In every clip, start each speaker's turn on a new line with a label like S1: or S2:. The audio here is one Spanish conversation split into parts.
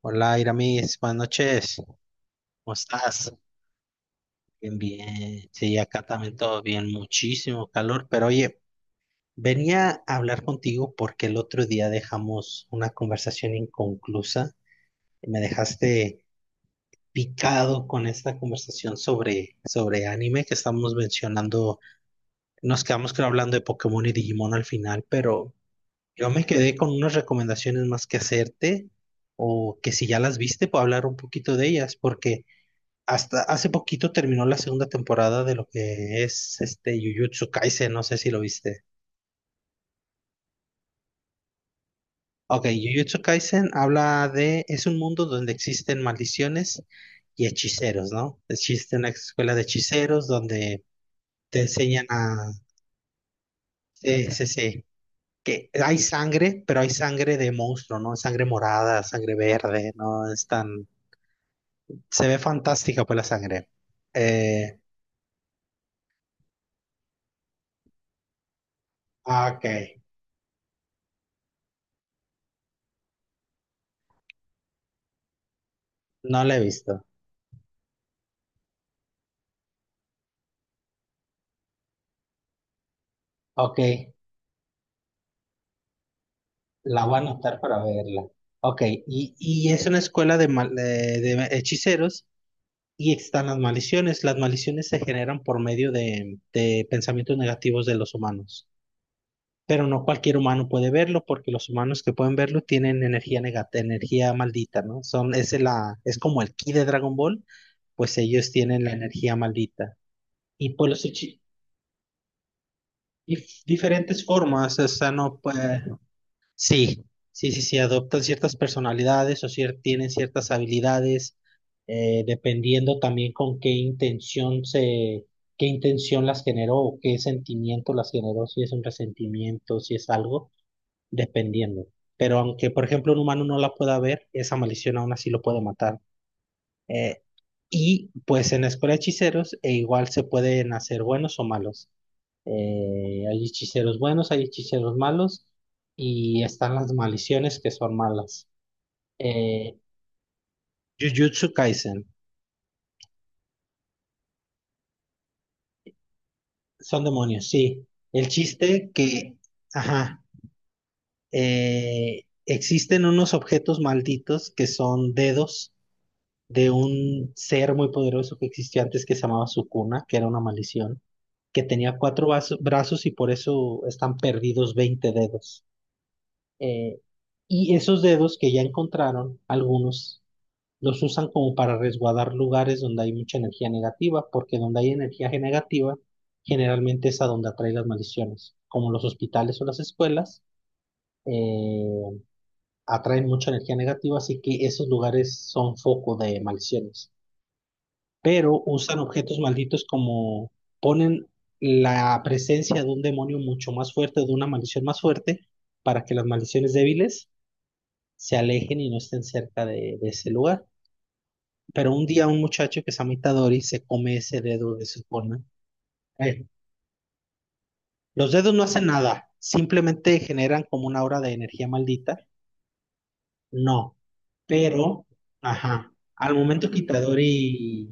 S1: Hola, Iramis, buenas noches. ¿Cómo estás? Bien, bien. Sí, acá también todo bien, muchísimo calor. Pero oye, venía a hablar contigo porque el otro día dejamos una conversación inconclusa y me dejaste picado con esta conversación sobre anime que estamos mencionando. Nos quedamos, creo, hablando de Pokémon y Digimon al final, pero yo me quedé con unas recomendaciones más que hacerte, o que, si ya las viste, puedo hablar un poquito de ellas, porque... Hasta hace poquito terminó la segunda temporada de lo que es este Jujutsu Kaisen, no sé si lo viste. Ok, Jujutsu Kaisen habla de, es un mundo donde existen maldiciones y hechiceros, ¿no? Existe una escuela de hechiceros donde te enseñan a, sí, sí, sí, que hay sangre, pero hay sangre de monstruo, ¿no? Sangre morada, sangre verde, ¿no? Es tan, se ve fantástica pues la sangre. Eh, ah, ok, no la he visto. Ok, la voy a anotar para verla. Ok, y es una escuela de, de hechiceros, y están las maldiciones. Las maldiciones se generan por medio de pensamientos negativos de los humanos. Pero no cualquier humano puede verlo, porque los humanos que pueden verlo tienen energía negata, energía maldita, ¿no? Son, es, la, es como el ki de Dragon Ball, pues ellos tienen la energía maldita. Y por los diferentes formas, o sea, no puede. Sí, sí, sí, sí, adoptan ciertas personalidades o tienen ciertas habilidades, dependiendo también con qué intención se, qué intención las generó o qué sentimiento las generó, si es un resentimiento, si es algo, dependiendo. Pero aunque, por ejemplo, un humano no la pueda ver, esa maldición aún así lo puede matar. Eh, y pues en la escuela de hechiceros, e igual se pueden hacer buenos o malos. Hay hechiceros buenos, hay hechiceros malos, y están las maldiciones que son malas. Eh, Jujutsu Kaisen, son demonios, sí. El chiste que, ajá, existen unos objetos malditos que son dedos de un ser muy poderoso que existió antes, que se llamaba Sukuna, que era una maldición, que tenía cuatro brazos, y por eso están perdidos 20 dedos. Eh, y esos dedos que ya encontraron, algunos los usan como para resguardar lugares donde hay mucha energía negativa, porque donde hay energía negativa, generalmente es a donde atrae las maldiciones, como los hospitales o las escuelas. eh, Atraen mucha energía negativa, así que esos lugares son foco de maldiciones. Pero usan objetos malditos como ponen la presencia de un demonio mucho más fuerte, de una maldición más fuerte, para que las maldiciones débiles se alejen y no estén cerca de ese lugar. Pero un día un muchacho que se llama Itadori se come ese dedo de su forma. Eh, los dedos no hacen nada, simplemente generan como una aura de energía maldita. No, pero, ajá, al momento que Itadori,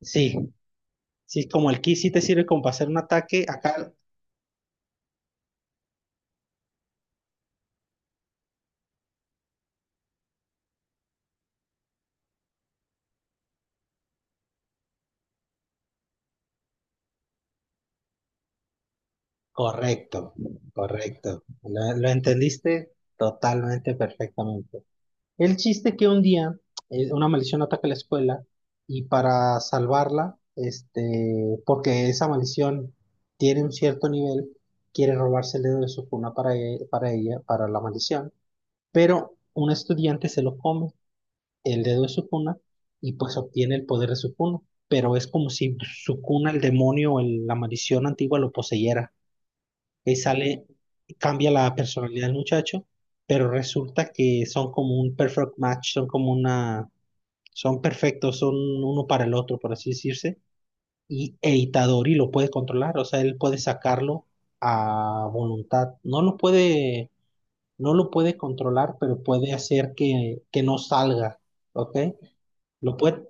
S1: sí, sí, es como el ki sí te sirve como para hacer un ataque, acá, correcto, correcto. Lo entendiste totalmente perfectamente. El chiste que un día una maldición ataca la escuela, y para salvarla, este, porque esa maldición tiene un cierto nivel, quiere robarse el dedo de su cuna para, para ella, para la maldición, pero un estudiante se lo come, el dedo de su cuna, y pues obtiene el poder de su cuna, pero es como si su cuna, el demonio o la maldición antigua lo poseyera, que sale, cambia la personalidad del muchacho, pero resulta que son como un perfect match, son como una, son perfectos, son uno para el otro, por así decirse, y Eitadori lo puede controlar, o sea, él puede sacarlo a voluntad, no lo puede controlar, pero puede hacer que no salga, ¿ok? Lo puede,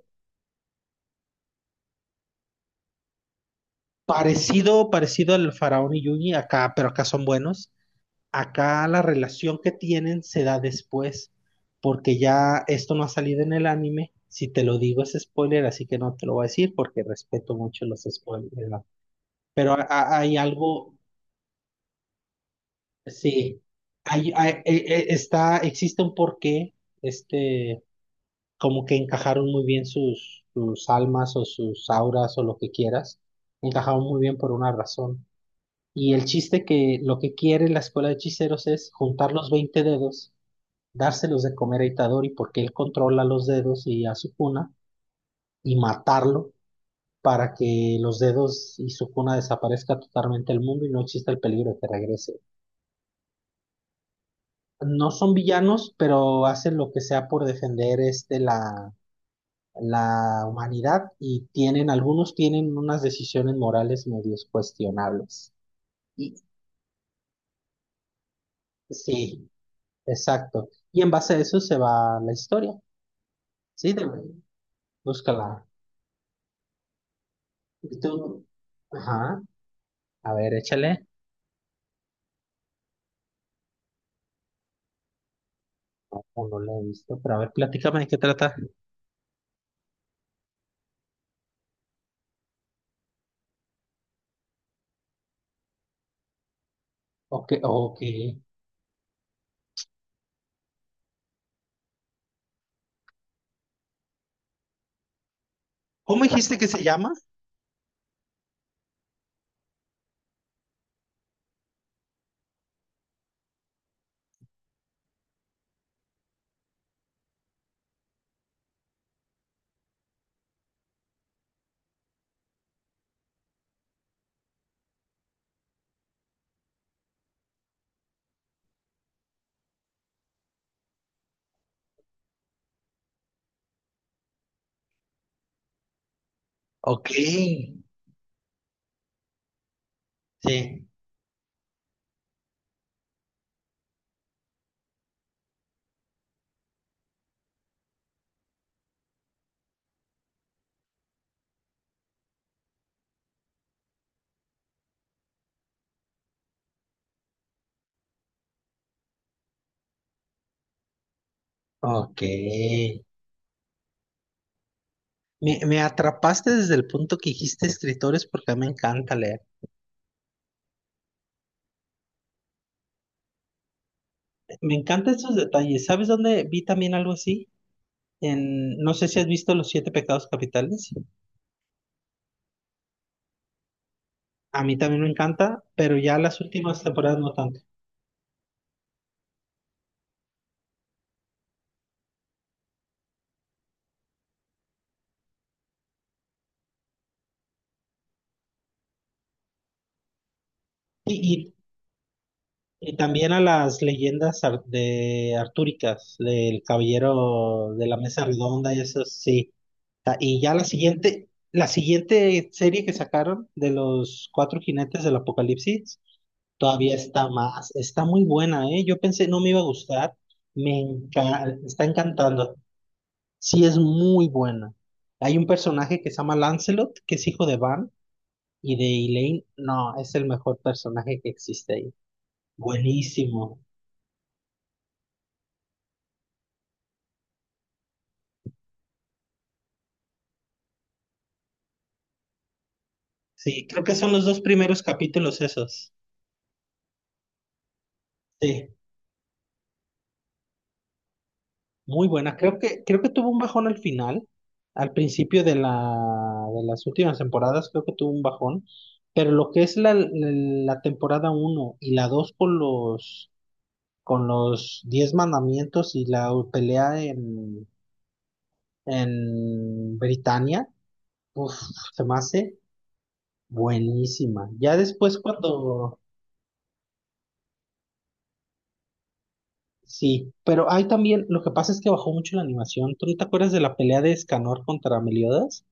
S1: parecido, parecido al faraón y Yugi, acá, pero acá son buenos. Acá la relación que tienen se da después, porque ya esto no ha salido en el anime. Si te lo digo es spoiler, así que no te lo voy a decir porque respeto mucho los spoilers, ¿no? Pero hay algo, sí, hay, hay- e- está, existe un porqué, este, como que encajaron muy bien sus almas o sus auras o lo que quieras, encajaron muy bien por una razón. Y el chiste que lo que quiere la escuela de hechiceros es juntar los 20 dedos, dárselos de comer a Itadori porque él controla los dedos y a Sukuna, y matarlo para que los dedos y Sukuna desaparezca totalmente del mundo y no exista el peligro de que regrese. No son villanos, pero hacen lo que sea por defender este la humanidad, y tienen, algunos tienen unas decisiones morales medio cuestionables. Y, sí, exacto. Y en base a eso se va la historia. Sí, búscala. Y tú- ajá, a ver, échale. No, no la he visto, pero a ver, platícame de qué trata. Ok, ok. ¿Cómo dijiste que se llama? Ok, sí, ok. Me atrapaste desde el punto que dijiste escritores, porque a mí me encanta leer. Me encantan esos detalles. ¿Sabes dónde vi también algo así? En, no sé si has visto Los Siete Pecados Capitales. A mí también me encanta, pero ya las últimas temporadas no tanto. Y, Y también a las leyendas de artúricas, del caballero de la mesa redonda y eso sí. Y ya la siguiente, serie que sacaron de los cuatro jinetes del apocalipsis, todavía está más, está muy buena, ¿eh? Yo pensé no me iba a gustar, me está encantando. Sí, es muy buena. Hay un personaje que se llama Lancelot, que es hijo de Van y de Elaine. No, es el mejor personaje que existe ahí. Buenísimo. Sí, creo que son los dos primeros capítulos esos. Sí, muy buena. Creo que tuvo un bajón al final, al principio de la, de las últimas temporadas, creo que tuvo un bajón. Pero lo que es la, la temporada uno y la 2 con los, 10 mandamientos y la pelea en Britania, uf, se me hace buenísima. Ya después cuando sí, pero hay también, lo que pasa es que bajó mucho la animación. ¿Tú no te acuerdas de la pelea de Escanor contra Meliodas?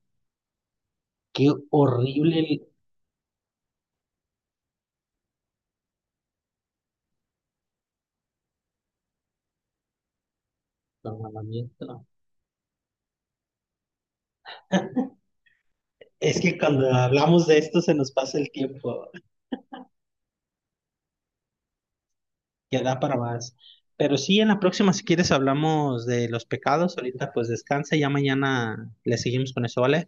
S1: Qué horrible el programamiento. Es que cuando hablamos de esto se nos pasa el tiempo, que da para más. Pero sí, en la próxima, si quieres, hablamos de los pecados. Ahorita pues descansa, ya mañana le seguimos con eso, ¿vale?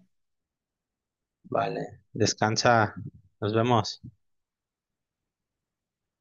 S1: Vale, descansa, nos vemos.